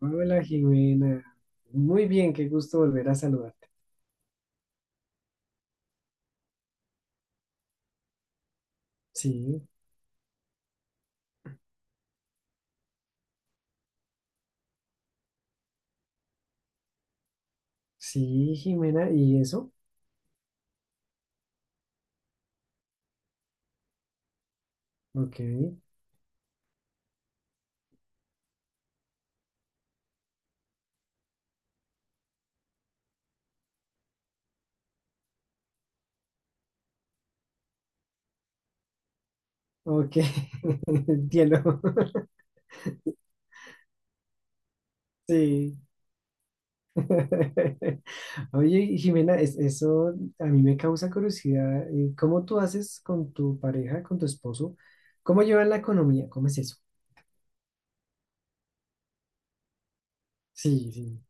Hola Jimena, muy bien, qué gusto volver a saludarte. Sí, sí, Jimena, ¿y eso? Ok, ok, entiendo. Sí. Oye, Jimena, eso a mí me causa curiosidad. ¿Cómo tú haces con tu pareja, con tu esposo? ¿Cómo llevan la economía? ¿Cómo es eso? Sí, sí.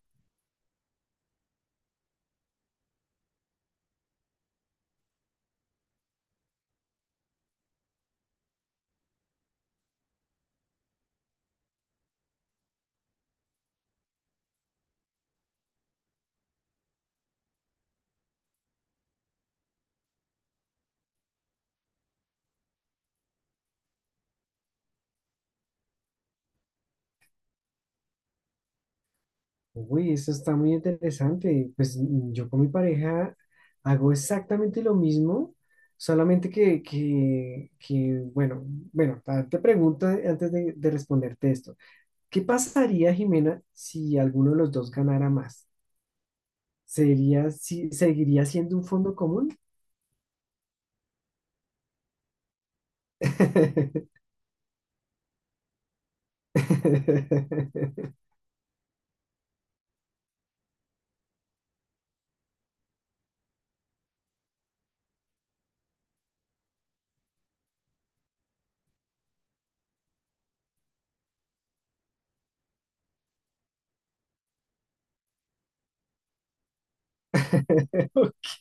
Uy, eso está muy interesante. Pues yo con mi pareja hago exactamente lo mismo, solamente que, bueno, te pregunto antes de responderte esto. ¿Qué pasaría, Jimena, si alguno de los dos ganara más? ¿Sería, si, Seguiría siendo un fondo común? Ok,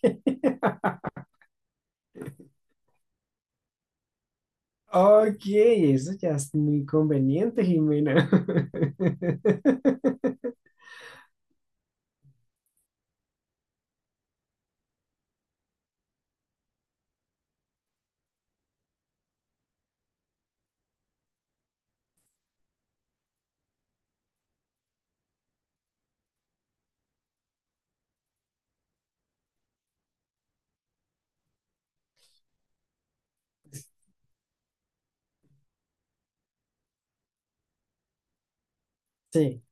ok, eso ya es muy conveniente, Jimena. Sí,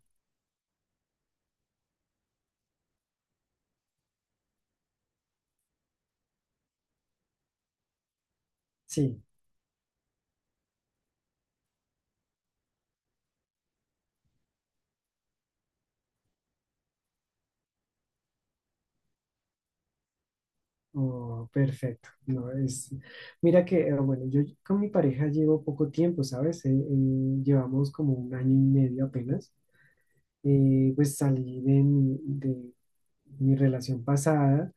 sí. Oh, perfecto. No, es... Mira que, bueno, yo con mi pareja llevo poco tiempo, ¿sabes? Llevamos como 1 año y medio apenas. Pues salí de mi relación pasada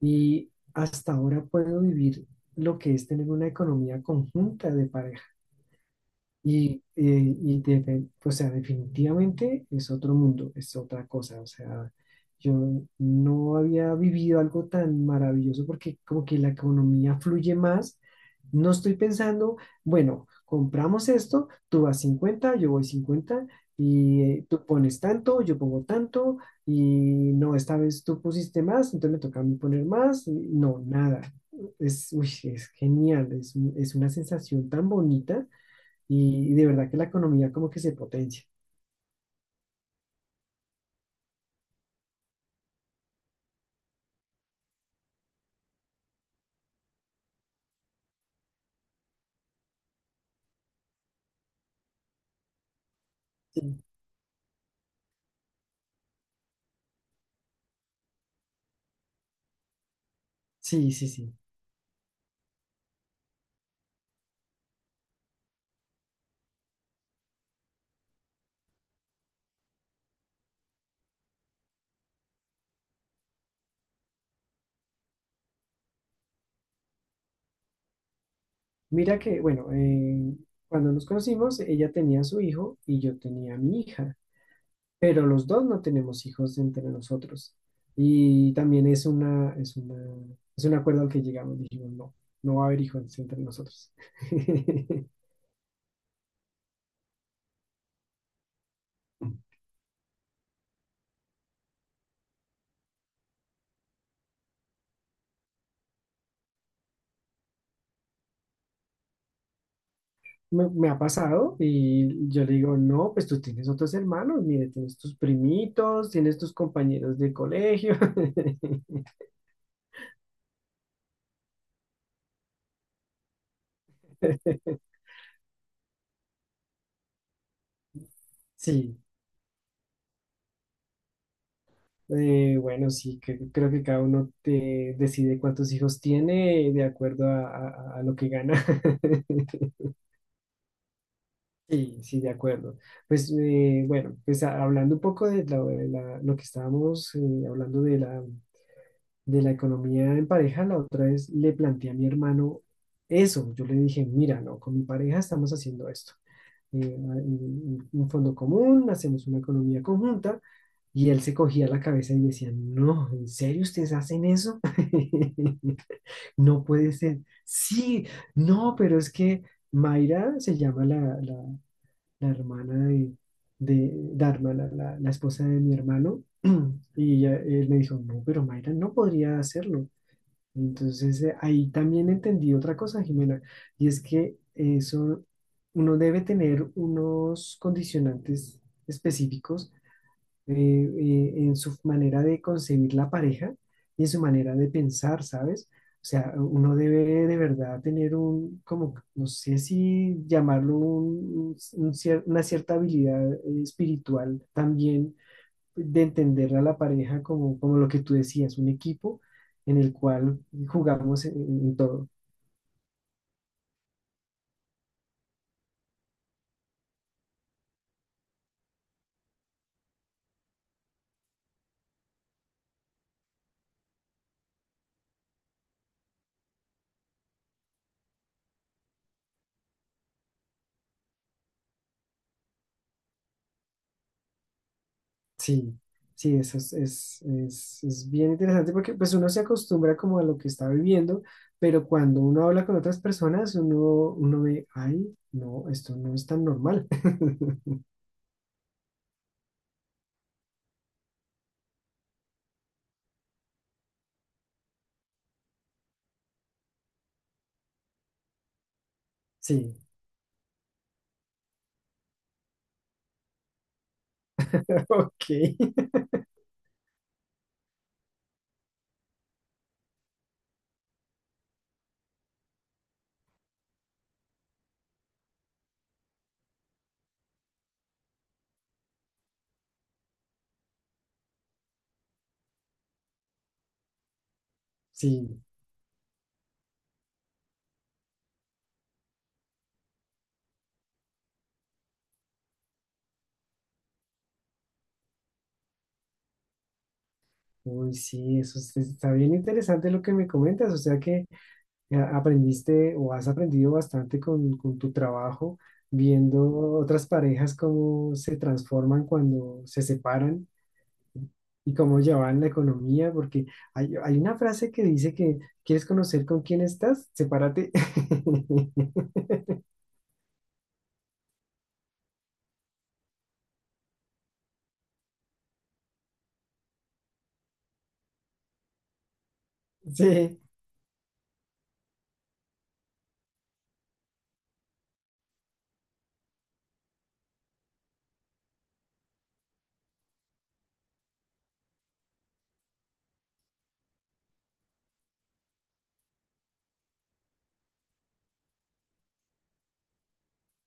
y hasta ahora puedo vivir lo que es tener una economía conjunta de pareja. Y o sea, definitivamente es otro mundo, es otra cosa. O sea, yo no había vivido algo tan maravilloso porque como que la economía fluye más. No estoy pensando, bueno, compramos esto, tú vas 50, yo voy 50 y tú pones tanto, yo pongo tanto, y no, esta vez tú pusiste más, entonces me toca a mí poner más. Y no, nada. Es, uy, es genial, es, es una sensación tan bonita y de verdad que la economía como que se potencia. Sí, sí, sí, sí. Mira que, bueno, cuando nos conocimos, ella tenía su hijo y yo tenía mi hija, pero los dos no tenemos hijos entre nosotros. Y también es un acuerdo al que llegamos, dijimos, no, no va a haber hijos entre nosotros. Me ha pasado y yo le digo, no, pues tú tienes otros hermanos, mire, tienes tus primitos, tienes tus compañeros de colegio. Sí. Bueno, sí, que creo que cada uno decide cuántos hijos tiene de acuerdo a lo que gana. Sí, sí, de acuerdo. Pues bueno, pues hablando un poco de lo que estábamos hablando de la economía en pareja, la otra vez le planteé a mi hermano eso. Yo le dije, mira, no, con mi pareja estamos haciendo esto. eh, un fondo común, hacemos una economía conjunta. Y él se cogía la cabeza y decía, no, ¿en serio ustedes hacen eso? No puede ser. Sí, no, pero es que Mayra se llama la hermana de Dharma, la esposa de mi hermano. Y él me dijo, no, pero Mayra no podría hacerlo. Entonces, ahí también entendí otra cosa, Jimena, y es que eso, uno debe tener unos condicionantes específicos eh, en su manera de concebir la pareja y en su manera de pensar, ¿sabes? O sea, uno debe de verdad tener un, como, no sé si llamarlo un una cierta habilidad espiritual también de entender a la pareja como, como lo que tú decías, un equipo en el cual jugamos en todo. Sí, sí, eso es, es bien interesante porque pues uno se acostumbra como a lo que está viviendo, pero cuando uno habla con otras personas, uno, uno ve, ay, no, esto no es tan normal. Sí, ok, sí. Uy, sí, está bien interesante lo que me comentas, o sea que aprendiste o has aprendido bastante con tu trabajo, viendo otras parejas cómo se transforman cuando se separan y cómo llevan la economía, porque hay una frase que dice que quieres conocer con quién estás, sepárate. Sí,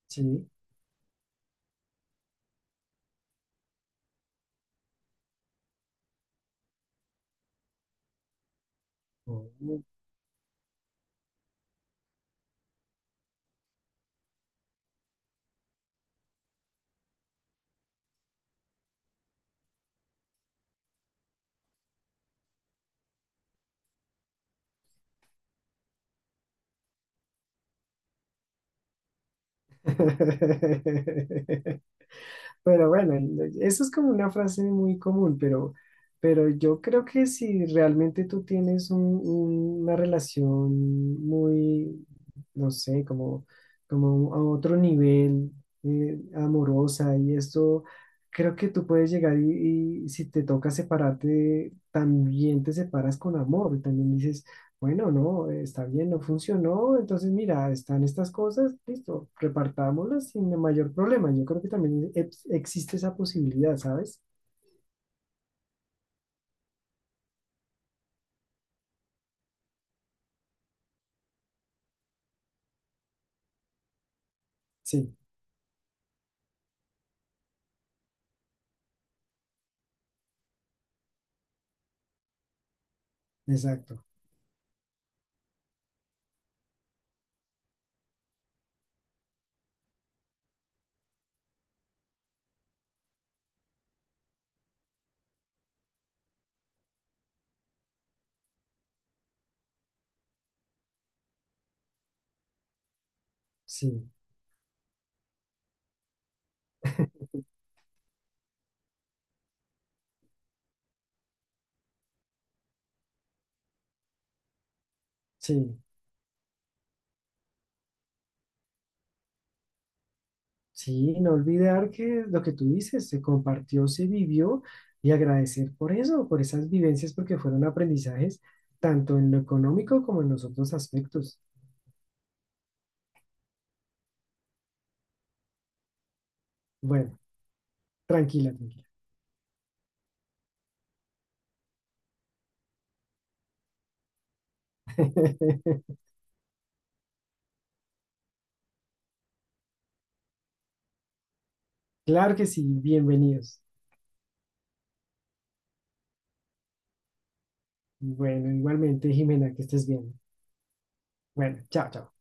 sí. Oh. Pero bueno, eso es como una frase muy común, pero yo creo que si realmente tú tienes una relación muy, no sé, como, como a otro nivel, amorosa y esto, creo que tú puedes llegar y si te toca separarte, también te separas con amor, también dices, bueno, no, está bien, no funcionó. Entonces, mira, están estas cosas, listo, repartámoslas sin mayor problema. Yo creo que también existe esa posibilidad, ¿sabes? Sí, exacto. Sí, sí, sí, no olvidar que lo que tú dices se compartió, se vivió y agradecer por eso, por esas vivencias, porque fueron aprendizajes tanto en lo económico como en los otros aspectos. Bueno, tranquila, tranquila. Claro que sí, bienvenidos. Bueno, igualmente, Jimena, que estés bien. Bueno, chao, chao.